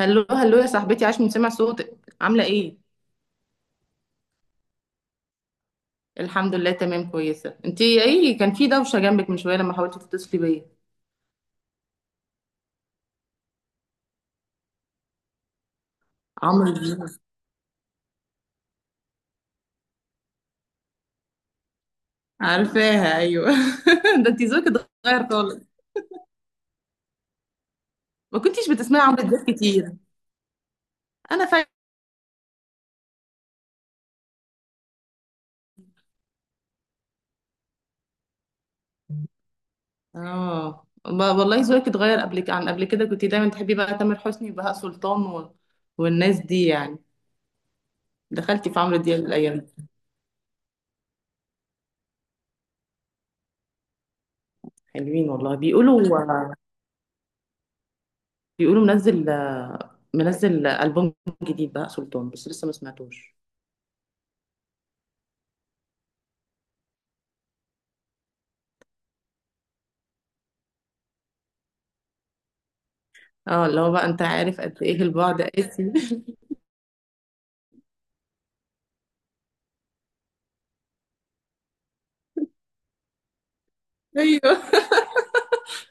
هلو هلو يا صاحبتي، عاش من سمع صوتك، عامله ايه؟ الحمد لله تمام كويسه. انت ايه كان في دوشه جنبك من شويه لما حاولتي تتصلي بيا؟ عمرو دياب. عارفاها ايوه. ده انت ذوقك اتغير خالص. ما كنتش بتسمعي عمرو دياب كتير. انا فاكره. اه والله ذوقك اتغير. عن قبل كده كنت دايما تحبي بقى تامر حسني وبهاء سلطان و... والناس دي يعني. دخلتي في عمرو دياب الايام دي؟ حلوين والله، بيقولوا. بيقولوا منزل البوم جديد بهاء سلطان، بس لسه ما سمعتوش. اه اللي هو بقى، انت عارف قد ايه البعد قاسي. ايوه.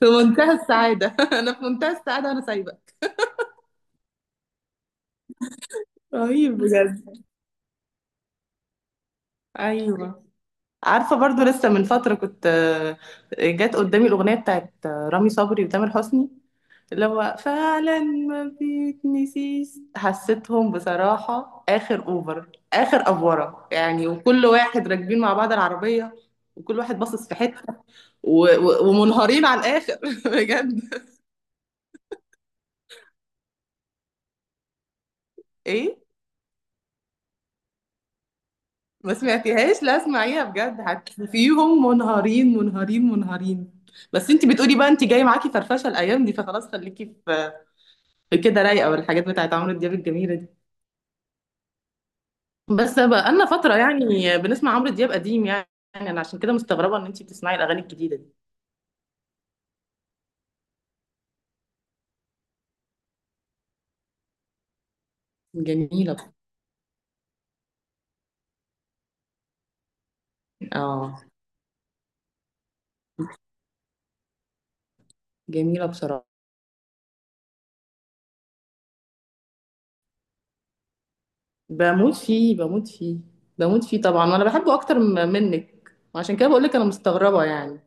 في منتهى السعادة. انا في منتهى السعادة وانا سايبة. رهيب بجد. ايوه. عارفة برضو، لسه من فترة كنت جت قدامي الأغنية بتاعت رامي صبري وتامر حسني، اللي هو فعلا ما بيتنسيش. حسيتهم بصراحة آخر أوفر، آخر أفورة يعني، وكل واحد راكبين مع بعض العربية، وكل واحد باصص في حتة، ومنهارين على الآخر. بجد. إيه؟ ما سمعتيهاش؟ لا اسمعيها بجد، هتشوفيهم منهارين منهارين منهارين. بس انت بتقولي بقى انت جاي معاكي فرفشه الايام دي، فخلاص خليكي في كده رايقه، والحاجات بتاعت عمرو دياب الجميله دي. بس بقى لنا فتره يعني بنسمع عمرو دياب قديم يعني. انا عشان كده مستغربه ان انت بتسمعي الاغاني الجديده دي. جميله اه جميله بصراحه. بموت فيه، بموت فيه، بموت فيه طبعا، وانا بحبه اكتر منك. وعشان كده بقول لك انا مستغربه يعني.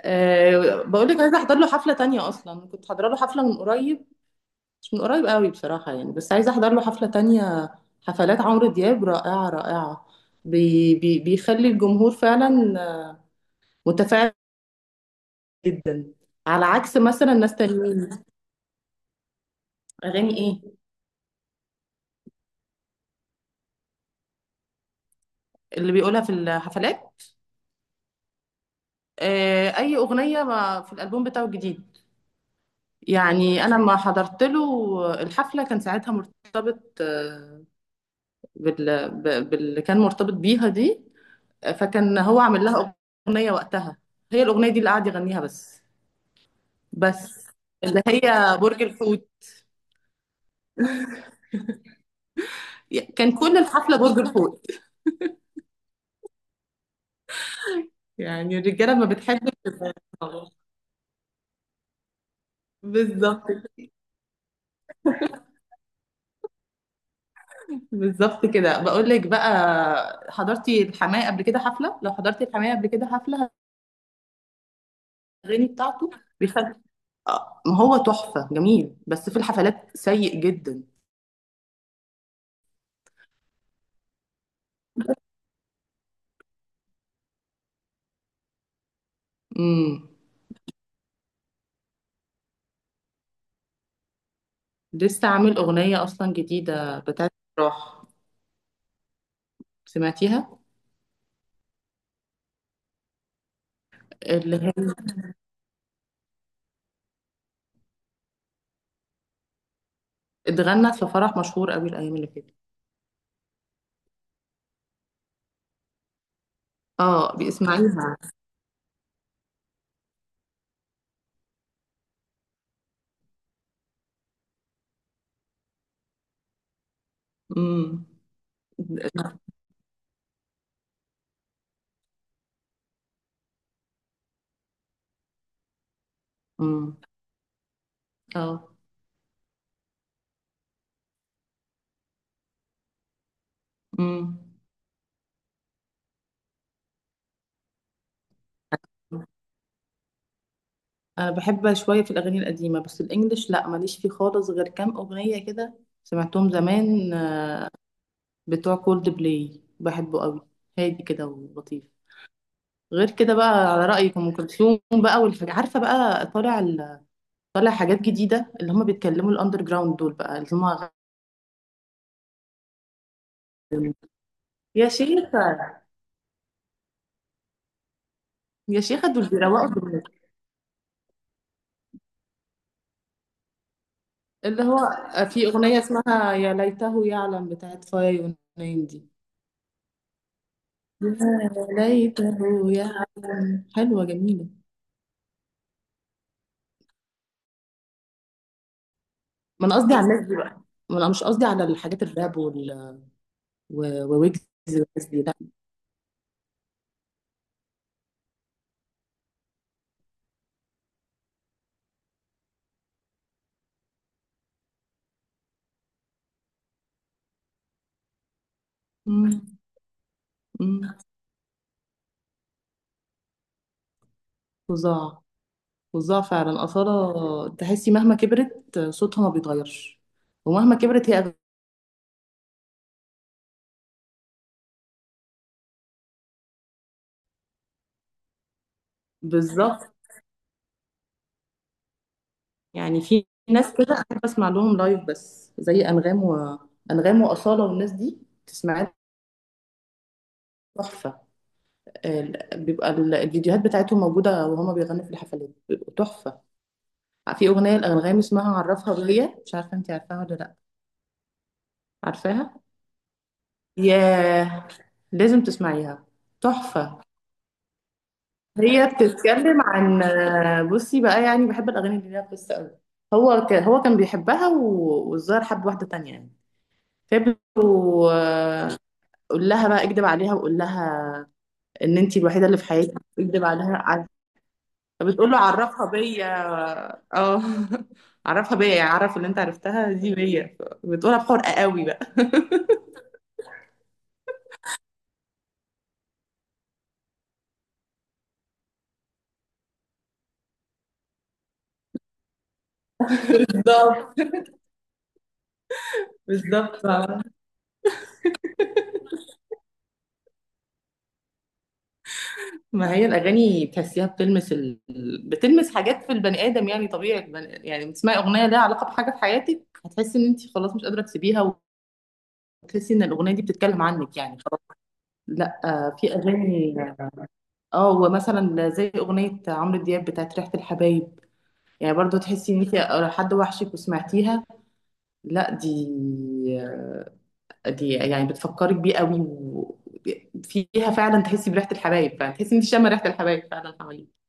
أه بقول لك عايزه احضر له حفله تانية. اصلا كنت حاضره له حفله من قريب، مش من قريب قوي بصراحه يعني، بس عايزه احضر له حفله تانية. حفلات عمرو دياب رائعه رائعه. بي بي بيخلي الجمهور فعلا آه، متفاعل جدا، على عكس مثلا ناس تانيين. اغاني ايه اللي بيقولها في الحفلات؟ أه اي اغنيه ما في الالبوم بتاعه الجديد يعني. انا ما حضرت له الحفله، كان ساعتها مرتبط باللي كان مرتبط بيها دي، فكان هو عامل لها أغنية وقتها، هي الأغنية دي اللي قعد يغنيها بس. بس اللي هي برج الحوت. كان كل الحفلة برج الحوت. يعني الرجالة ما بتحب. بالظبط. بالظبط كده بقول لك بقى. حضرتي الحماية قبل كده حفلة؟ لو حضرتي الحماية قبل كده حفلة، الأغاني بتاعته بيخلي ما هو تحفة جميل، بس في الحفلات سيء جدا. امم لسه عامل أغنية أصلا جديدة بتاعت راح، سمعتيها؟ اللي اتغنت في فرح مشهور قوي الايام اللي فاتت. اه بيسمعيها. امم امم اه امم انا بحب شويه في الاغاني القديمه، بس الانجليش لا، ماليش فيه خالص غير كام اغنيه كده. سمعتهم زمان. بتوع كولد بلاي بحبه قوي، هادي كده ولطيف. غير كده بقى، على رايك ام كلثوم بقى والحاجة، عارفه بقى طالع طالع حاجات جديده اللي هم بيتكلموا الاندر جراوند دول بقى اللي هم، يا شيخه. يا شيخه دول بيروقوا. اللي هو في أغنية اسمها يا ليته يعلم بتاعت فاي ونايم دي. يا ليته يعلم، حلوة جميلة. ما أنا قصدي على الناس دي بقى، ما أنا مش قصدي على الحاجات الراب وال... وويجز والناس دي لا. أمم، أمم، فظاع. فظاع فعلا. أصالة تحسي مهما كبرت صوتها ما بيتغيرش، ومهما كبرت هي بالظبط. يعني في ناس كده أحب أسمع لهم لايف، بس زي أنغام وأصالة والناس دي، تسمعها تحفة. بيبقى الفيديوهات بتاعتهم موجودة وهما بيغنوا في الحفلات بيبقوا تحفة. في أغنية الأنغام اسمها عرفها بيا، مش عارفة أنت عارفاها ولا لأ؟ عارفاها؟ ياه، لازم تسمعيها، تحفة. هي بتتكلم عن، بصي بقى، يعني بحب الأغاني اللي ليها قصة أوي. هو كان بيحبها، والظاهر حب واحدة تانية يعني. فبيقول، قول لها بقى اكدب عليها وقول لها ان انت الوحيده اللي في حياتي. اكدب عليها. فبتقول له عرفها بيا. اه. عرفها بيا، يعني عرف اللي انت عرفتها دي بيا. بتقولها بحرقة قوي بقى. بالظبط. بالظبط. ما هي الاغاني بتحسيها بتلمس حاجات في البني ادم، يعني طبيعي البني... يعني بتسمعي اغنيه ليها علاقه بحاجه في حياتك، هتحسي ان انت خلاص مش قادره تسيبيها، وتحسي ان الاغنيه دي بتتكلم عنك يعني خلاص. لا في اغاني. اه ومثلا زي اغنيه عمرو دياب بتاعت ريحه الحبايب، يعني برضو تحسي ان انت حد وحشك، وسمعتيها. لا دي يعني بتفكرك بيه قوي. وفيها فعلا تحسي بريحة الحبايب، فعلا تحسي ان انت شامة ريحة الحبايب فعلا حواليك.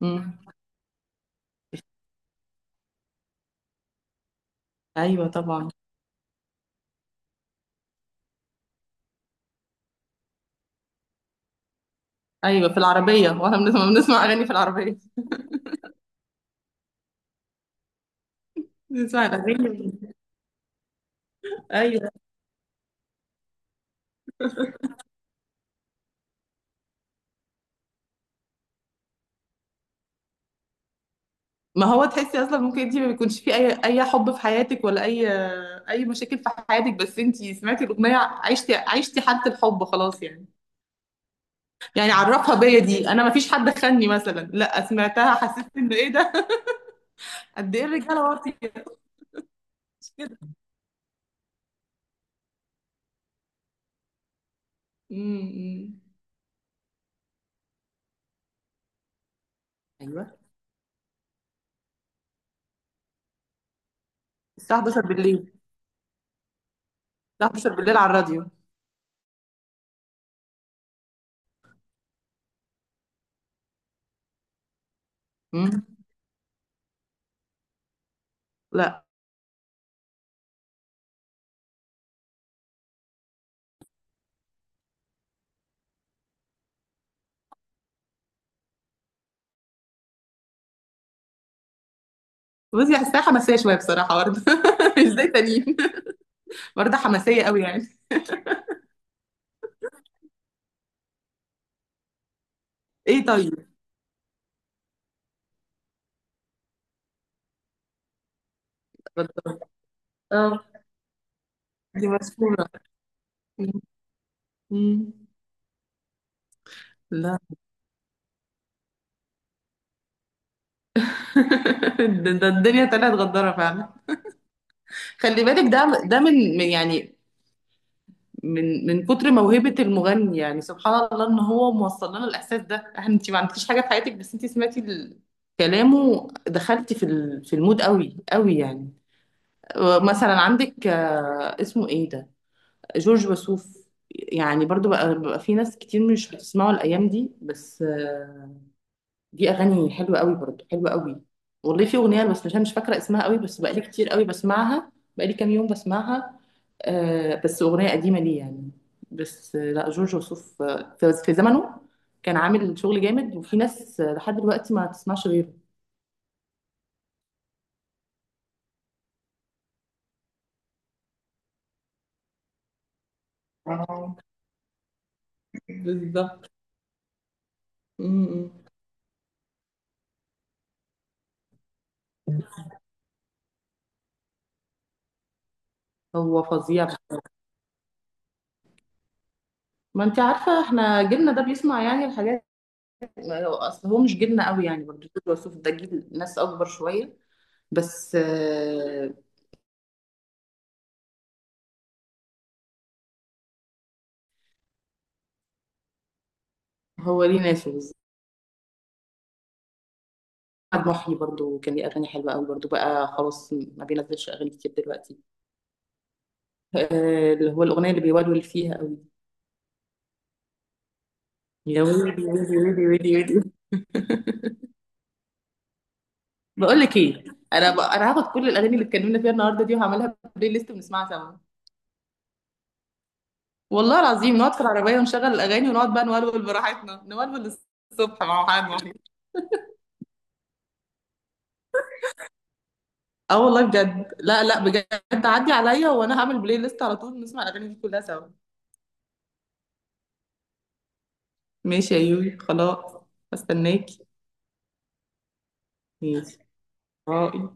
مم. ايوه طبعا. ايوه في العربية، واحنا بنسمع اغاني في العربية. بنسمع الاغاني. ايوه. ما هو تحسي اصلا ممكن انت ما بيكونش في اي حب في حياتك، ولا اي مشاكل في حياتك، بس انت سمعتي الاغنية، عشتي حالة الحب خلاص يعني. يعني عرفها بيا دي، انا ما فيش حد خاني مثلا، لا سمعتها حسيت انه ايه ده، قد ايه الرجاله واطيه. مش كده؟ امم ايوه. الساعه 11 بالليل. الساعه 11 بالليل على الراديو. امم لا. بصي الساعه حماسيه شويه بصراحه برضه. مش زي تانيين، برضه حماسيه قوي يعني. ايه طيب. اتفضل. اه. دي مشهوره. مم. مم. لا. ده الدنيا طلعت غداره فعلا. خلي بالك، ده يعني، من كتر موهبة المغني، يعني سبحان الله ان هو موصل لنا الاحساس ده، احنا انت ما عملتيش حاجة في حياتك، بس انت سمعتي كلامه، دخلتي في في المود قوي قوي يعني. مثلا عندك اسمه ايه ده، جورج وسوف. يعني برضو بقى في ناس كتير مش بتسمعه الايام دي، بس دي اغاني حلوه قوي، برضه حلوه قوي. والله في اغنيه، بس مش فاكره اسمها قوي، بس بقالي كتير قوي بسمعها. بقالي كام يوم بسمعها. آه، بس اغنيه قديمه ليه يعني. بس لا، جورج وسوف في زمنه كان عامل شغل جامد، وفي ناس لحد دلوقتي ما تسمعش غيره. آه. بالظبط. م- م. هو فظيع. ما انت عارفه احنا جيلنا ده بيسمع يعني الحاجات. اصل هو مش جيلنا قوي يعني برضه، جورج وسوف ده جيل ناس اكبر شويه بس آه. هو ليه ناسه. احمد محي برضو كان ليه اغاني حلوه قوي برضو بقى، خلاص ما بينزلش اغاني كتير دلوقتي. اللي هو الاغنيه اللي بيولول فيها قوي، يا ويلي ويلي ويلي ويلي ويلي. بقول لك ايه؟ انا هاخد كل الاغاني اللي اتكلمنا فيها النهارده دي، وهعملها بلاي ليست ونسمعها سوا. والله العظيم نقعد في العربيه ونشغل الاغاني ونقعد بقى نولول براحتنا، نولول الصبح مع حد واحد. اه والله بجد، لا لا بجد عدي عليا وانا هعمل بلاي ليست على طول، نسمع الاغاني دي كلها سوا. ماشي يا يوي خلاص. استناكي. ماشي. اه.